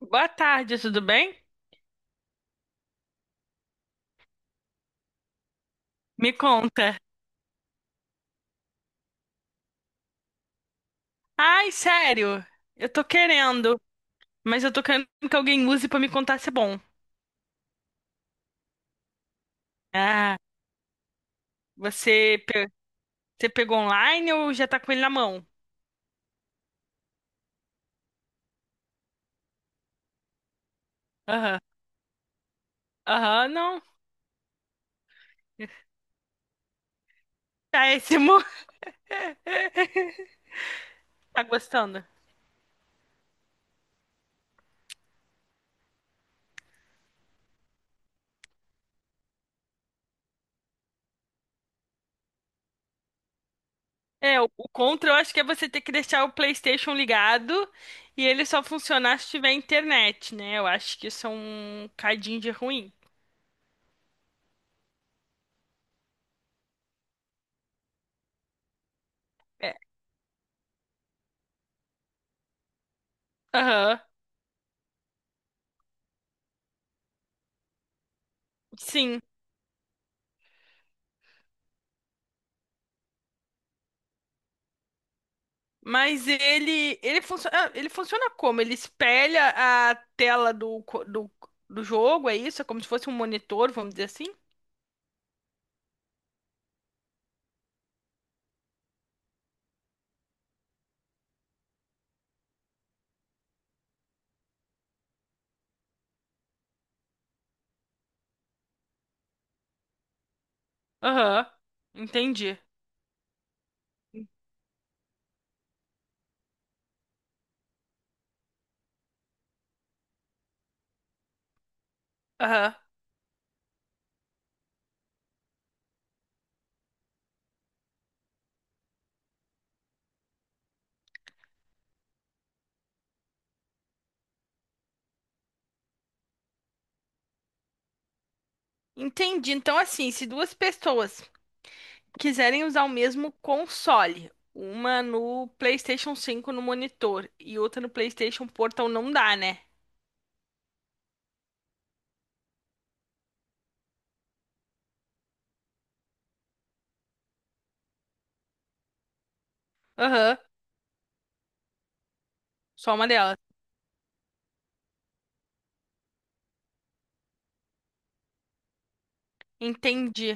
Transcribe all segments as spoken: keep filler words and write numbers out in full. Boa tarde, tudo bem? Me conta. Ai, sério, eu tô querendo, mas eu tô querendo que alguém use pra me contar se é bom. Ah, você, pe- você pegou online ou já tá com ele na mão? Aham, aham, não. Tá péssimo. Tá gostando? É, o, o contra eu acho que é você ter que deixar o PlayStation ligado e ele só funcionar se tiver internet, né? Eu acho que isso é um cadinho de ruim. É. Aham, sim. Mas ele, ele funciona, ele funciona como? Ele espelha a tela do, co- do, do jogo, é isso? É como se fosse um monitor, vamos dizer assim? Aham, entendi. Aham. Entendi. Então, assim, se duas pessoas quiserem usar o mesmo console, uma no PlayStation cinco no monitor e outra no PlayStation Portal, não dá, né? Aham, só uma delas. Entendi,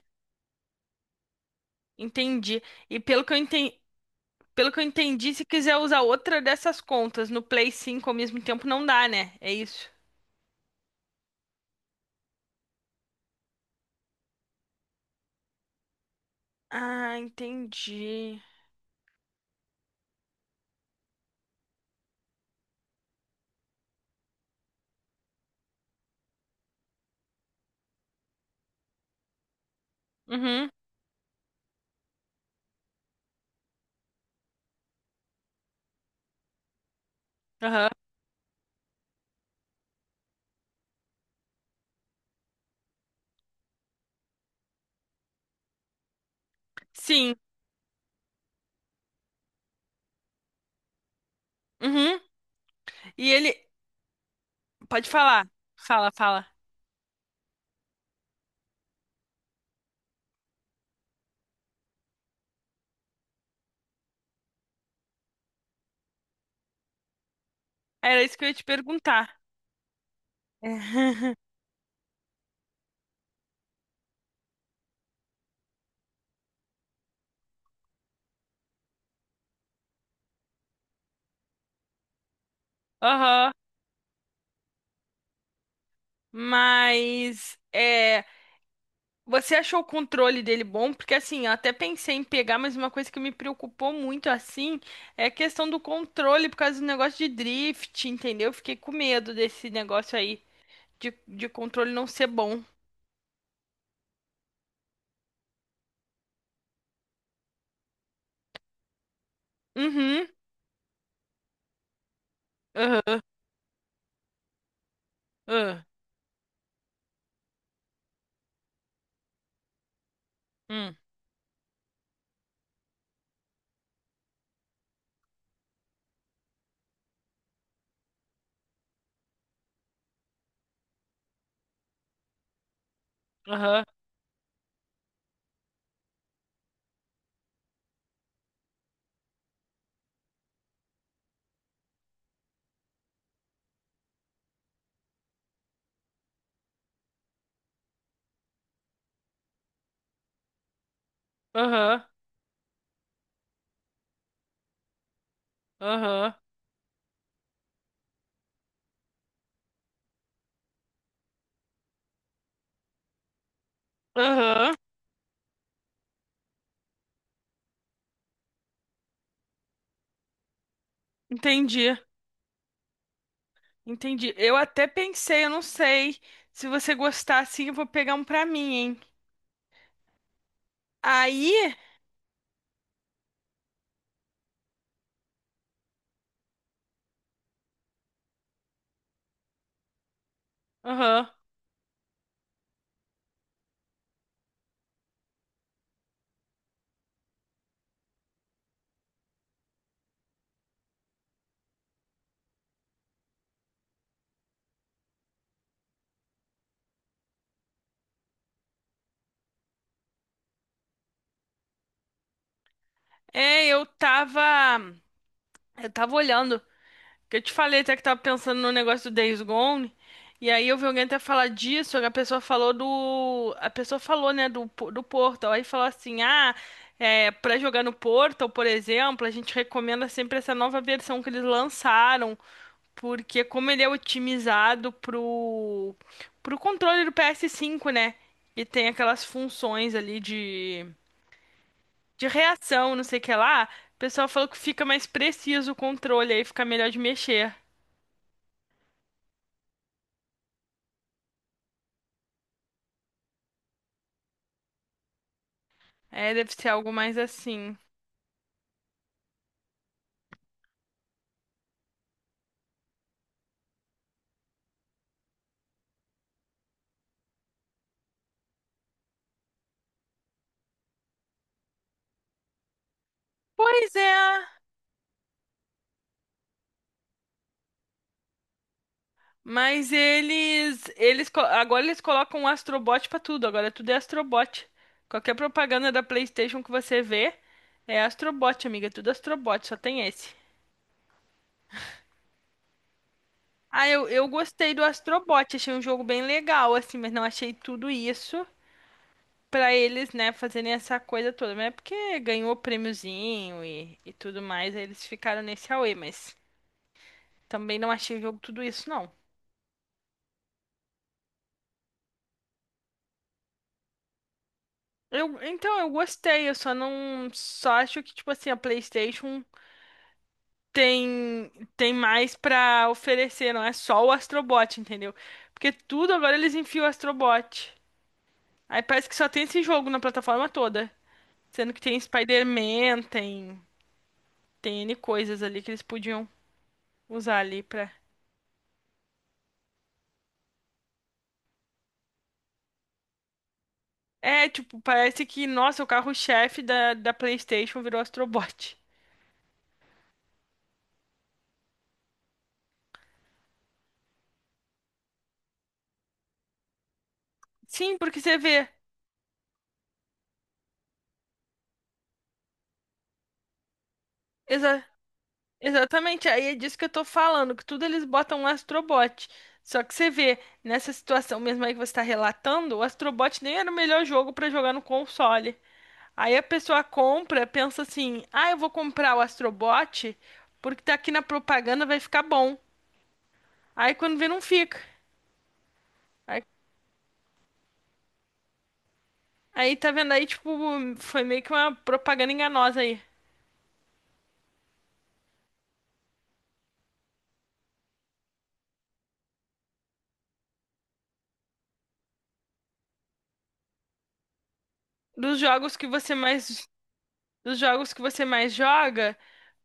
entendi. E pelo que eu entendi, Pelo que eu entendi, se quiser usar outra dessas contas no Play cinco ao mesmo tempo, não dá, né? É isso. Ah, entendi. Uhum, aham. Sim. Uhum. E ele. Pode falar. Fala, fala. Era isso que eu ia te perguntar. É. Aham. Mas. É. Você achou o controle dele bom? Porque assim, eu até pensei em pegar, mas uma coisa que me preocupou muito assim é a questão do controle por causa do negócio de drift, entendeu? Eu fiquei com medo desse negócio aí, de, de controle não ser bom. Uhum. Aham. Aham. Hum. Aham. Aham. Aham. Aham. Entendi. Entendi. Eu até pensei, eu não sei. Se você gostar assim, eu vou pegar um pra mim, hein? Aí. Aham. É, eu tava. eu tava olhando. Que eu te falei até que tava pensando no negócio do Days Gone. E aí eu vi alguém até falar disso, a pessoa falou do. A pessoa falou, né, do, po- do Portal. Aí falou assim, ah, é, pra jogar no Portal, por exemplo, a gente recomenda sempre essa nova versão que eles lançaram. Porque como ele é otimizado pro, pro controle do P S cinco, né? E tem aquelas funções ali de, de reação, não sei o que lá. O pessoal falou que fica mais preciso o controle, aí fica melhor de mexer. É, deve ser algo mais assim. Pois é, mas eles, eles co- agora eles colocam um Astrobot pra tudo. Agora tudo é Astrobot. Qualquer propaganda da PlayStation que você vê é Astrobot, amiga. Tudo Astrobot, só tem esse. Ah, eu, eu gostei do Astrobot, achei um jogo bem legal, assim, mas não achei tudo isso pra eles, né, fazerem essa coisa toda. Mas é porque ganhou prêmiozinho e, e tudo mais, aí eles ficaram nesse auê, mas também não achei o jogo tudo isso, não. Eu, então, eu gostei, eu só não, só acho que, tipo assim, a PlayStation tem, tem mais pra oferecer, não é só o Astrobot, entendeu? Porque tudo agora eles enfiam o Astrobot. Aí parece que só tem esse jogo na plataforma toda, sendo que tem Spider-Man, tem, tem N coisas ali que eles podiam usar ali pra... É, tipo, parece que, nossa, o carro-chefe da, da PlayStation virou Astrobot. Sim, porque você vê. Exatamente, aí é disso que eu tô falando, que tudo eles botam um Astrobot. Só que você vê, nessa situação mesmo aí que você tá relatando, o Astrobot nem era o melhor jogo pra jogar no console. Aí a pessoa compra, pensa assim: ah, eu vou comprar o Astrobot porque tá aqui na propaganda, vai ficar bom. Aí quando vê, não fica. Aí, aí tá vendo aí, tipo, foi meio que uma propaganda enganosa aí. Dos jogos que você mais, dos jogos que você mais joga,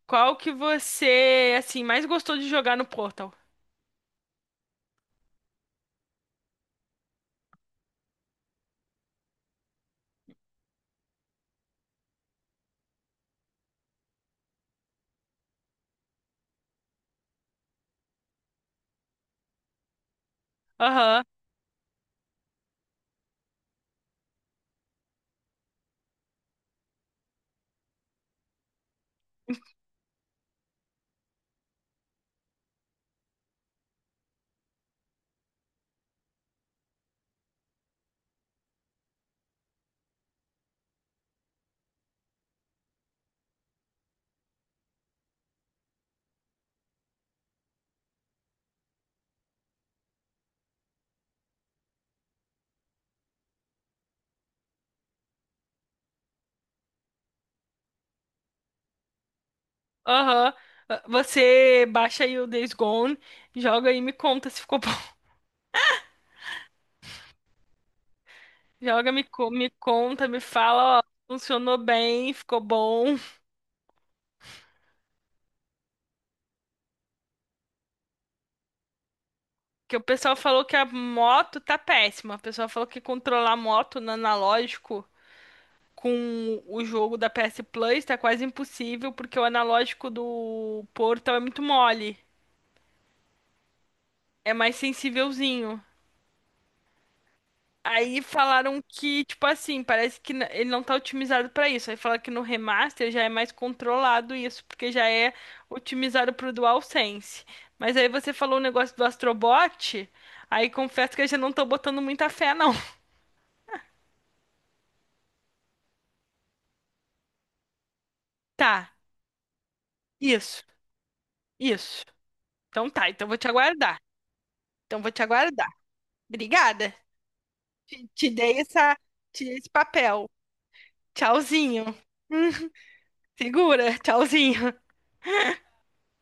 qual que você, assim, mais gostou de jogar no Portal? Aham, aham. Ah, você baixa aí o Days Gone, joga aí e me conta se ficou bom. Joga, me, co- me conta, me fala, ó, funcionou bem, ficou bom. Que o pessoal falou que a moto tá péssima. O pessoal falou que controlar a moto no analógico com o jogo da P S Plus tá quase impossível, porque o analógico do Portal é muito mole. É mais sensívelzinho. Aí falaram que, tipo assim, parece que n- ele não tá otimizado pra isso. Aí fala que no remaster já é mais controlado isso, porque já é otimizado pro DualSense. Mas aí você falou o negócio do Astrobot, aí confesso que eu já não tô botando muita fé, não. Tá, isso, isso. Então tá, então vou te aguardar. Então vou te aguardar. Obrigada. Te dei essa, te dei esse papel. Tchauzinho. Hum, segura, tchauzinho.